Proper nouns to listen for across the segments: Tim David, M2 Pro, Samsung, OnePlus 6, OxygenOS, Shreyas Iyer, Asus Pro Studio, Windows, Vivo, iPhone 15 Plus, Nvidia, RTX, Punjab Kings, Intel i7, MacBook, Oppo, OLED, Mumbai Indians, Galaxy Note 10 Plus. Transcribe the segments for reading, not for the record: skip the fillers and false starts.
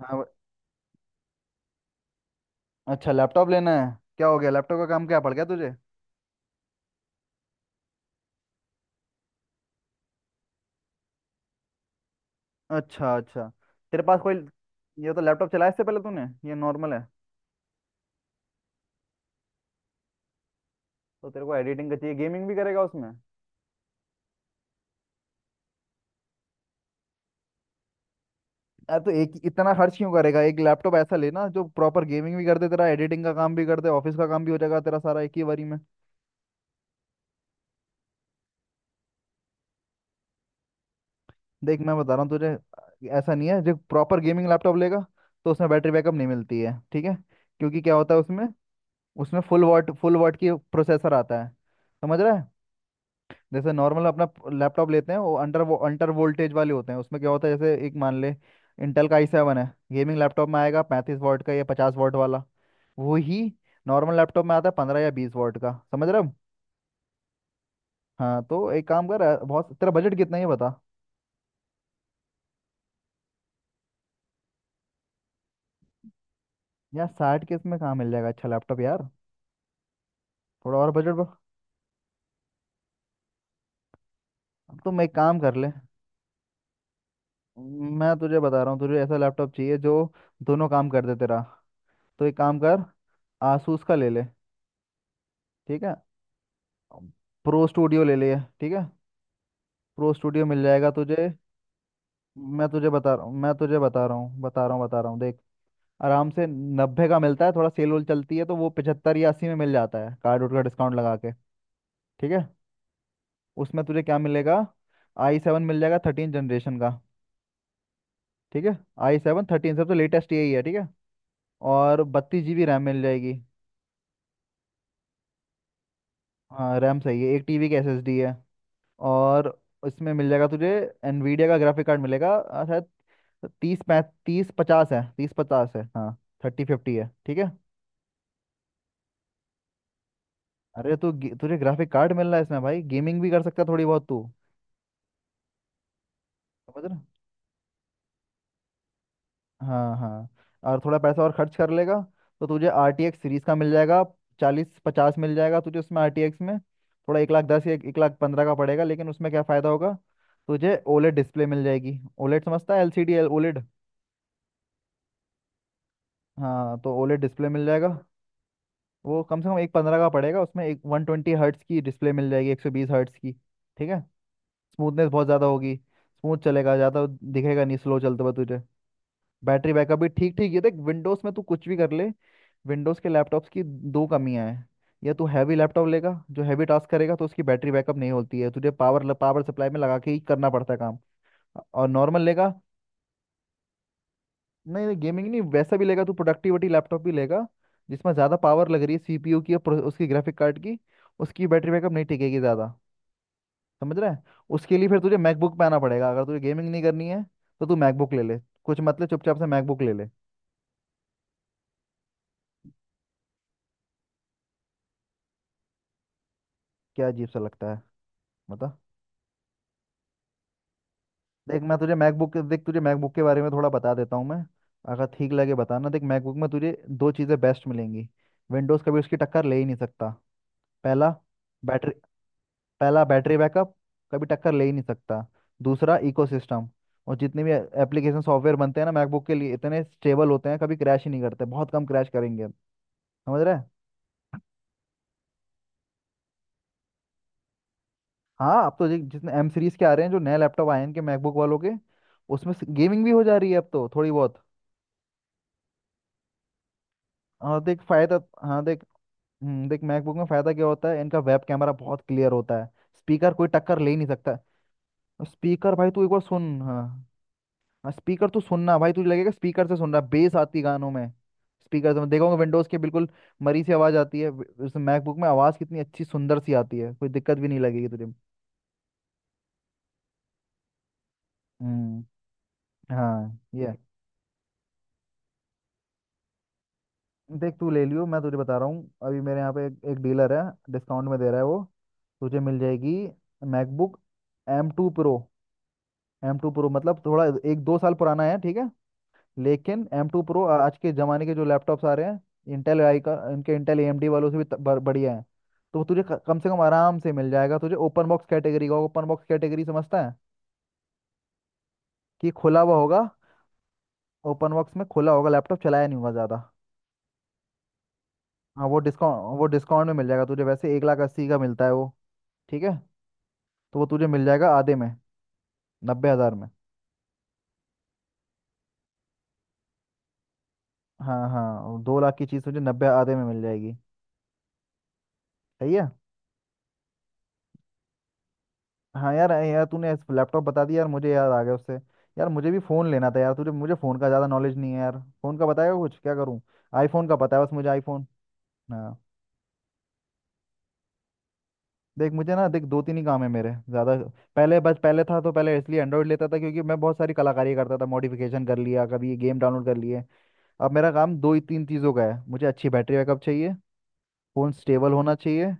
हाँ अच्छा लैपटॉप लेना है। क्या हो गया, लैपटॉप का काम क्या पड़ गया तुझे? अच्छा अच्छा। तेरे पास कोई ये तो लैपटॉप चलाया इससे पहले तूने? ये नॉर्मल है? तो तेरे को एडिटिंग का चाहिए, गेमिंग भी करेगा उसमें? यार तो एक इतना खर्च क्यों करेगा, एक लैपटॉप ऐसा लेना जो प्रॉपर गेमिंग भी कर दे, तेरा एडिटिंग का काम भी कर दे, ऑफिस का काम भी हो जाएगा तेरा सारा एक ही बारी में। देख, मैं बता रहा हूँ तुझे। ऐसा नहीं है, जो प्रॉपर गेमिंग लैपटॉप लेगा तो उसमें बैटरी बैकअप नहीं मिलती है, ठीक है? क्योंकि क्या होता है उसमें, उसमें फुल वॉट की प्रोसेसर आता है। समझ रहा है? जैसे नॉर्मल अपना लैपटॉप लेते हैं वो अंडर वोल्टेज वाले होते हैं। उसमें क्या होता है, जैसे एक मान ले, इंटेल का आई सेवन है, गेमिंग लैपटॉप में आएगा 35 वॉट का या 50 वॉट वाला। वो ही नॉर्मल लैपटॉप में आता है 15 या 20 वॉट का। समझ रहे हो? हाँ तो एक काम कर, अ, बहुत तेरा बजट कितना है ये बता। यार 60 के इसमें कहाँ मिल जाएगा अच्छा लैपटॉप यार, थोड़ा और बजट। अब तुम एक काम कर ले। मैं तुझे बता रहा हूँ, तुझे ऐसा लैपटॉप चाहिए जो दोनों काम कर दे तेरा। तो एक काम कर, आसूस का ले ले, ठीक है? प्रो स्टूडियो ले ले, ठीक है? प्रो स्टूडियो मिल जाएगा तुझे। मैं तुझे बता रहा हूँ, मैं तुझे बता रहा हूँ बता रहा हूँ बता रहा हूँ, देख, आराम से 90 का मिलता है, थोड़ा सेल वोल चलती है तो वो 75 या 80 में मिल जाता है, कार्ड वोड का डिस्काउंट लगा के। ठीक है? उसमें तुझे क्या मिलेगा, आई सेवन मिल जाएगा 13 जनरेशन का, ठीक है? आई सेवन 13 सबसे लेटेस्ट यही है, ठीक है? और 32 जी बी रैम मिल जाएगी। हाँ रैम सही है, 1 टी बी की एस एस डी है। और इसमें मिल जाएगा तुझे एनवीडिया का ग्राफिक कार्ड मिलेगा शायद 3050 है, 3050 है हाँ, 3050 है, ठीक है? अरे तुझे ग्राफिक कार्ड मिल रहा है इसमें भाई, गेमिंग भी कर सकता है थोड़ी बहुत तू। समझ रहा? हाँ हाँ, और थोड़ा पैसा और खर्च कर लेगा तो तुझे आर टी एक्स सीरीज का मिल जाएगा, 40-50 मिल जाएगा तुझे उसमें। आर टी एक्स में थोड़ा 1 लाख 10 या 1 लाख 15 का पड़ेगा, लेकिन उसमें क्या फ़ायदा होगा, तुझे ओलेड डिस्प्ले मिल जाएगी। ओलेड समझता है? LCD L OLED. हाँ तो ओलेड डिस्प्ले मिल जाएगा। वो कम से कम 1 लाख 15 का पड़ेगा। उसमें एक 120 हर्ट्स की डिस्प्ले मिल जाएगी, 120 हर्ट्स की, ठीक है? स्मूथनेस बहुत ज़्यादा होगी, स्मूथ चलेगा ज़्यादा, दिखेगा नहीं स्लो चलते हुए तुझे। बैटरी बैकअप भी ठीक ठीक। ये देख, विंडोज़ में तू कुछ भी कर ले, विंडोज़ के लैपटॉप्स की दो कमियां हैं। या तू हैवी लैपटॉप लेगा जो हैवी टास्क करेगा तो उसकी बैटरी बैकअप नहीं होती है, तुझे पावर पावर सप्लाई में लगा के ही करना पड़ता है काम। और नॉर्मल लेगा, नहीं नहीं गेमिंग नहीं वैसा भी लेगा तू, प्रोडक्टिविटी लैपटॉप भी लेगा जिसमें ज़्यादा पावर लग रही है सीपीयू की और उसकी ग्राफिक कार्ड की, उसकी बैटरी बैकअप नहीं टिकेगी ज़्यादा। समझ रहा है? उसके लिए फिर तुझे मैकबुक पे आना पड़ेगा। अगर तुझे गेमिंग नहीं करनी है तो तू मैकबुक ले ले, कुछ मतलब चुपचाप से मैकबुक ले ले। क्या अजीब सा लगता है, बता। देख, मैं तुझे मैकबुक के- देख तुझे मैकबुक के बारे में थोड़ा बता देता हूँ मैं, अगर ठीक लगे बताना। देख मैकबुक में तुझे दो चीज़ें बेस्ट मिलेंगी, विंडोज़ कभी उसकी टक्कर ले ही नहीं सकता। पहला बैटरी पहला बैटरी बैकअप, कभी टक्कर ले ही नहीं सकता। दूसरा इकोसिस्टम, और जितने भी एप्लीकेशन सॉफ्टवेयर बनते हैं ना मैकबुक के लिए, इतने स्टेबल होते हैं, कभी क्रैश ही नहीं करते, बहुत कम क्रैश करेंगे। समझ रहे हैं? हाँ अब तो जितने एम सीरीज के आ रहे हैं, जो नए लैपटॉप आए हैं इनके मैकबुक वालों के, उसमें गेमिंग भी हो जा रही है अब तो थोड़ी बहुत। हाँ देख फायदा, हाँ देख। देख मैकबुक में फायदा क्या होता है, इनका वेब कैमरा बहुत क्लियर होता है। स्पीकर कोई टक्कर ले ही नहीं सकता। स्पीकर भाई तू एक बार सुन, हाँ। स्पीकर तू सुनना भाई, तुझे लगेगा स्पीकर से सुन रहा, बेस आती है गानों में। स्पीकर से देखोगे विंडोज के, बिल्कुल मरी सी आवाज आती है। उस मैकबुक में आवाज कितनी अच्छी सुंदर सी आती है, कोई दिक्कत भी नहीं लगेगी तुझे। हम्म हाँ ये है। देख तू ले लियो, मैं तुझे बता रहा हूँ, अभी मेरे यहाँ पे एक डीलर है, डिस्काउंट में दे रहा है वो। तुझे मिल जाएगी MacBook M two pro. M two pro मतलब थोड़ा एक दो साल पुराना है, ठीक है, लेकिन एम टू प्रो आज के ज़माने के जो लैपटॉप्स आ रहे हैं इंटेल आई का, इनके इंटेल ए एम डी वालों से भी बढ़िया है। तो तुझे कम से कम आराम से मिल जाएगा तुझे ओपन बॉक्स कैटेगरी का। ओपन बॉक्स कैटेगरी समझता है? कि खुला हुआ होगा। ओपन बॉक्स में खुला होगा, लैपटॉप चलाया नहीं होगा ज़्यादा। हाँ वो डिस्काउंट, वो डिस्काउंट में मिल जाएगा तुझे। वैसे 1 लाख 80 का मिलता है वो, ठीक है, तो वो तुझे मिल जाएगा आधे में, 90 हज़ार में। हाँ हाँ 2 लाख की चीज़ तुझे 90, आधे में मिल जाएगी, सही है। हाँ यार, ऐ यार तूने लैपटॉप बता दिया यार, मुझे याद आ गया उससे, यार मुझे भी फ़ोन लेना था यार तुझे, मुझे फ़ोन का ज़्यादा नॉलेज नहीं है यार, फ़ोन का बताएगा कुछ, क्या करूँ? आईफ़ोन का पता है बस मुझे, आईफ़ोन। हाँ देख मुझे ना, देख 2-3 ही काम है मेरे ज़्यादा। पहले बस पहले था तो पहले इसलिए एंड्रॉइड लेता था क्योंकि मैं बहुत सारी कलाकारी करता था, मॉडिफिकेशन कर लिया, कभी गेम डाउनलोड कर लिए। अब मेरा काम दो ही तीन चीज़ों का है, मुझे अच्छी बैटरी बैकअप चाहिए, फ़ोन स्टेबल होना चाहिए,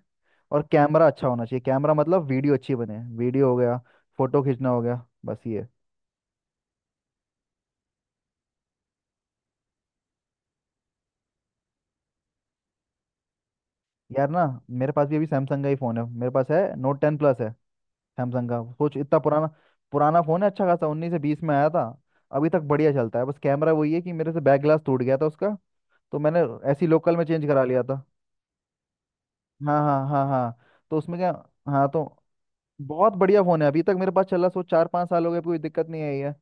और कैमरा अच्छा होना चाहिए। कैमरा मतलब वीडियो अच्छी बने, वीडियो हो गया, फ़ोटो खींचना हो गया, बस ये। यार ना, मेरे पास भी अभी सैमसंग का ही फ़ोन है, मेरे पास है नोट 10 प्लस है सैमसंग का, सोच इतना पुराना पुराना फ़ोन है, अच्छा खासा 2019-2020 में आया था। अभी तक बढ़िया चलता है, बस कैमरा वही है कि मेरे से बैक ग्लास टूट गया था उसका, तो मैंने ऐसी लोकल में चेंज करा लिया था। हाँ हाँ हाँ हाँ, तो उसमें क्या। हाँ तो बहुत बढ़िया फोन है, अभी तक मेरे पास चला, सो 4-5 साल हो गए, कोई दिक्कत नहीं आई है।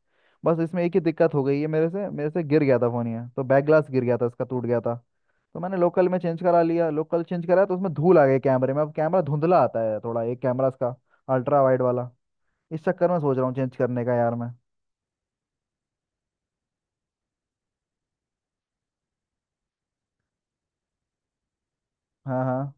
बस इसमें एक ही दिक्कत हो गई है, मेरे से गिर गया था फोन, ये तो बैक ग्लास गिर गया था इसका, टूट गया था, तो मैंने लोकल में चेंज करा लिया, लोकल चेंज करा तो उसमें धूल आ गई कैमरे में, अब कैमरा धुंधला आता है थोड़ा एक कैमरा इसका, अल्ट्रा वाइड वाला। इस चक्कर में सोच रहा हूँ चेंज करने का यार मैं। हाँ हाँ,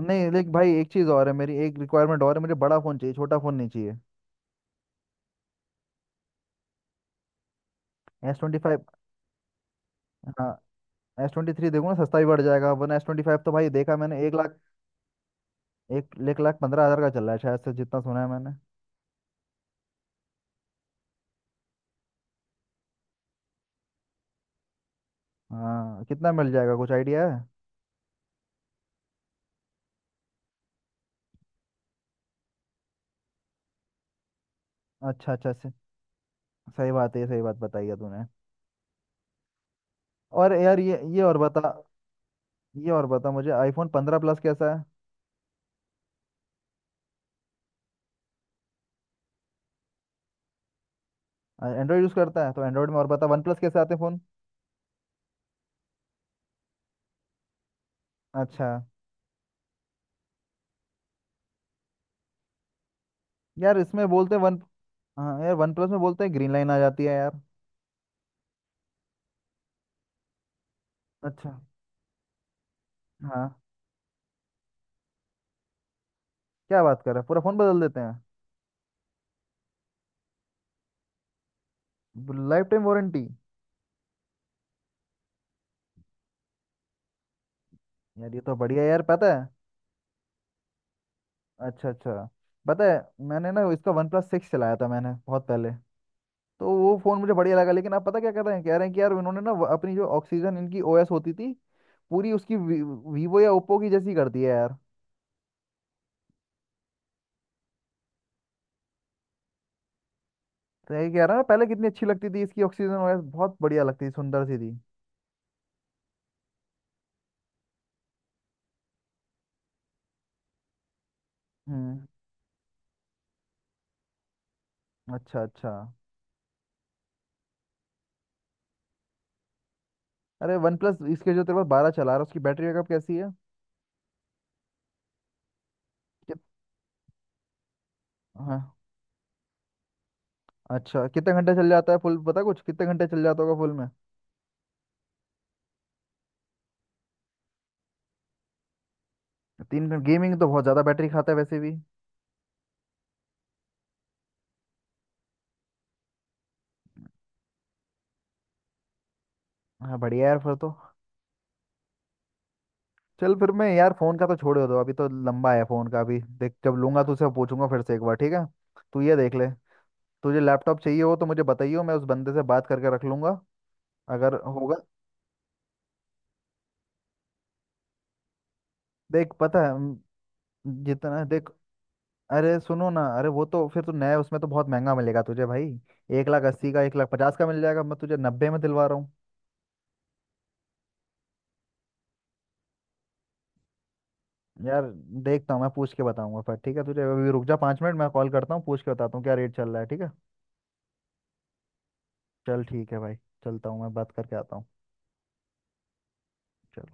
नहीं लेकिन भाई एक चीज़ और है, मेरी एक रिक्वायरमेंट और है, मुझे बड़ा फ़ोन चाहिए, छोटा फ़ोन नहीं चाहिए। S25? हाँ S23 देखो ना, सस्ता भी पड़ जाएगा, वरना S25 तो भाई देखा मैंने, एक लाख, एक 1,15,000 का चल रहा है शायद से, जितना सुना है मैंने। हाँ कितना मिल जाएगा कुछ आइडिया है? अच्छा अच्छा से, सही बात है, ये सही बात बताई है तूने। और यार ये, ये और बता मुझे, आईफोन 15 प्लस कैसा है? एंड्रॉयड यूज़ करता है तो एंड्रॉयड में और बता, वन प्लस कैसे आते हैं फ़ोन? अच्छा, यार इसमें बोलते हैं वन, हाँ यार वन प्लस में बोलते हैं ग्रीन लाइन आ जाती है यार। अच्छा, हाँ, क्या बात कर रहा है, पूरा फ़ोन बदल देते हैं? Lifetime warranty! यार ये तो बढ़िया है यार, पता है। अच्छा अच्छा, पता है मैंने ना इसका वन प्लस 6 चलाया था मैंने बहुत पहले, तो वो फ़ोन मुझे बढ़िया लगा, लेकिन आप पता क्या कर रहे हैं, कह रहे हैं कि यार इन्होंने ना अपनी जो ऑक्सीजन इनकी ओएस होती थी, पूरी उसकी वीवो या ओप्पो की जैसी कर दी है यार। तो यही कह रहा है ना, पहले कितनी अच्छी लगती थी इसकी, ऑक्सीजन ओएस बहुत बढ़िया लगती थी, सुंदर सी थी। हम्म, अच्छा अच्छा। अरे वन प्लस इसके, जो तेरे पास 12 चला रहा है उसकी बैटरी बैकअप कैसी है? कित- हाँ अच्छा, कितने घंटे चल जाता है फुल, पता कुछ कितने घंटे चल जाता होगा फुल में? 3 घंटे गेमिंग तो बहुत ज़्यादा बैटरी खाता है वैसे भी। हाँ बढ़िया यार, फिर तो चल, फिर मैं यार फोन का तो छोड़ दो, अभी तो लंबा है फोन का, अभी देख जब लूंगा तो उसे पूछूंगा फिर से एक बार, ठीक है? तू ये देख ले, तुझे लैपटॉप चाहिए हो तो मुझे बताइयो, मैं उस बंदे से बात करके रख लूंगा अगर होगा। देख पता है म, जितना देख, अरे सुनो ना, अरे वो तो फिर तू नया, उसमें तो बहुत महंगा मिलेगा तुझे भाई, 1 लाख 80 का 1 लाख 50 का मिल जाएगा, मैं तुझे 90 में दिलवा रहा हूँ। यार देखता हूँ मैं, पूछ के बताऊंगा फिर, ठीक है तुझे? अभी रुक जा, 5 मिनट मैं कॉल करता हूँ, पूछ के बताता हूँ क्या रेट चल रहा है, ठीक है? चल ठीक है भाई, चलता हूँ, मैं बात करके आता हूँ। चल।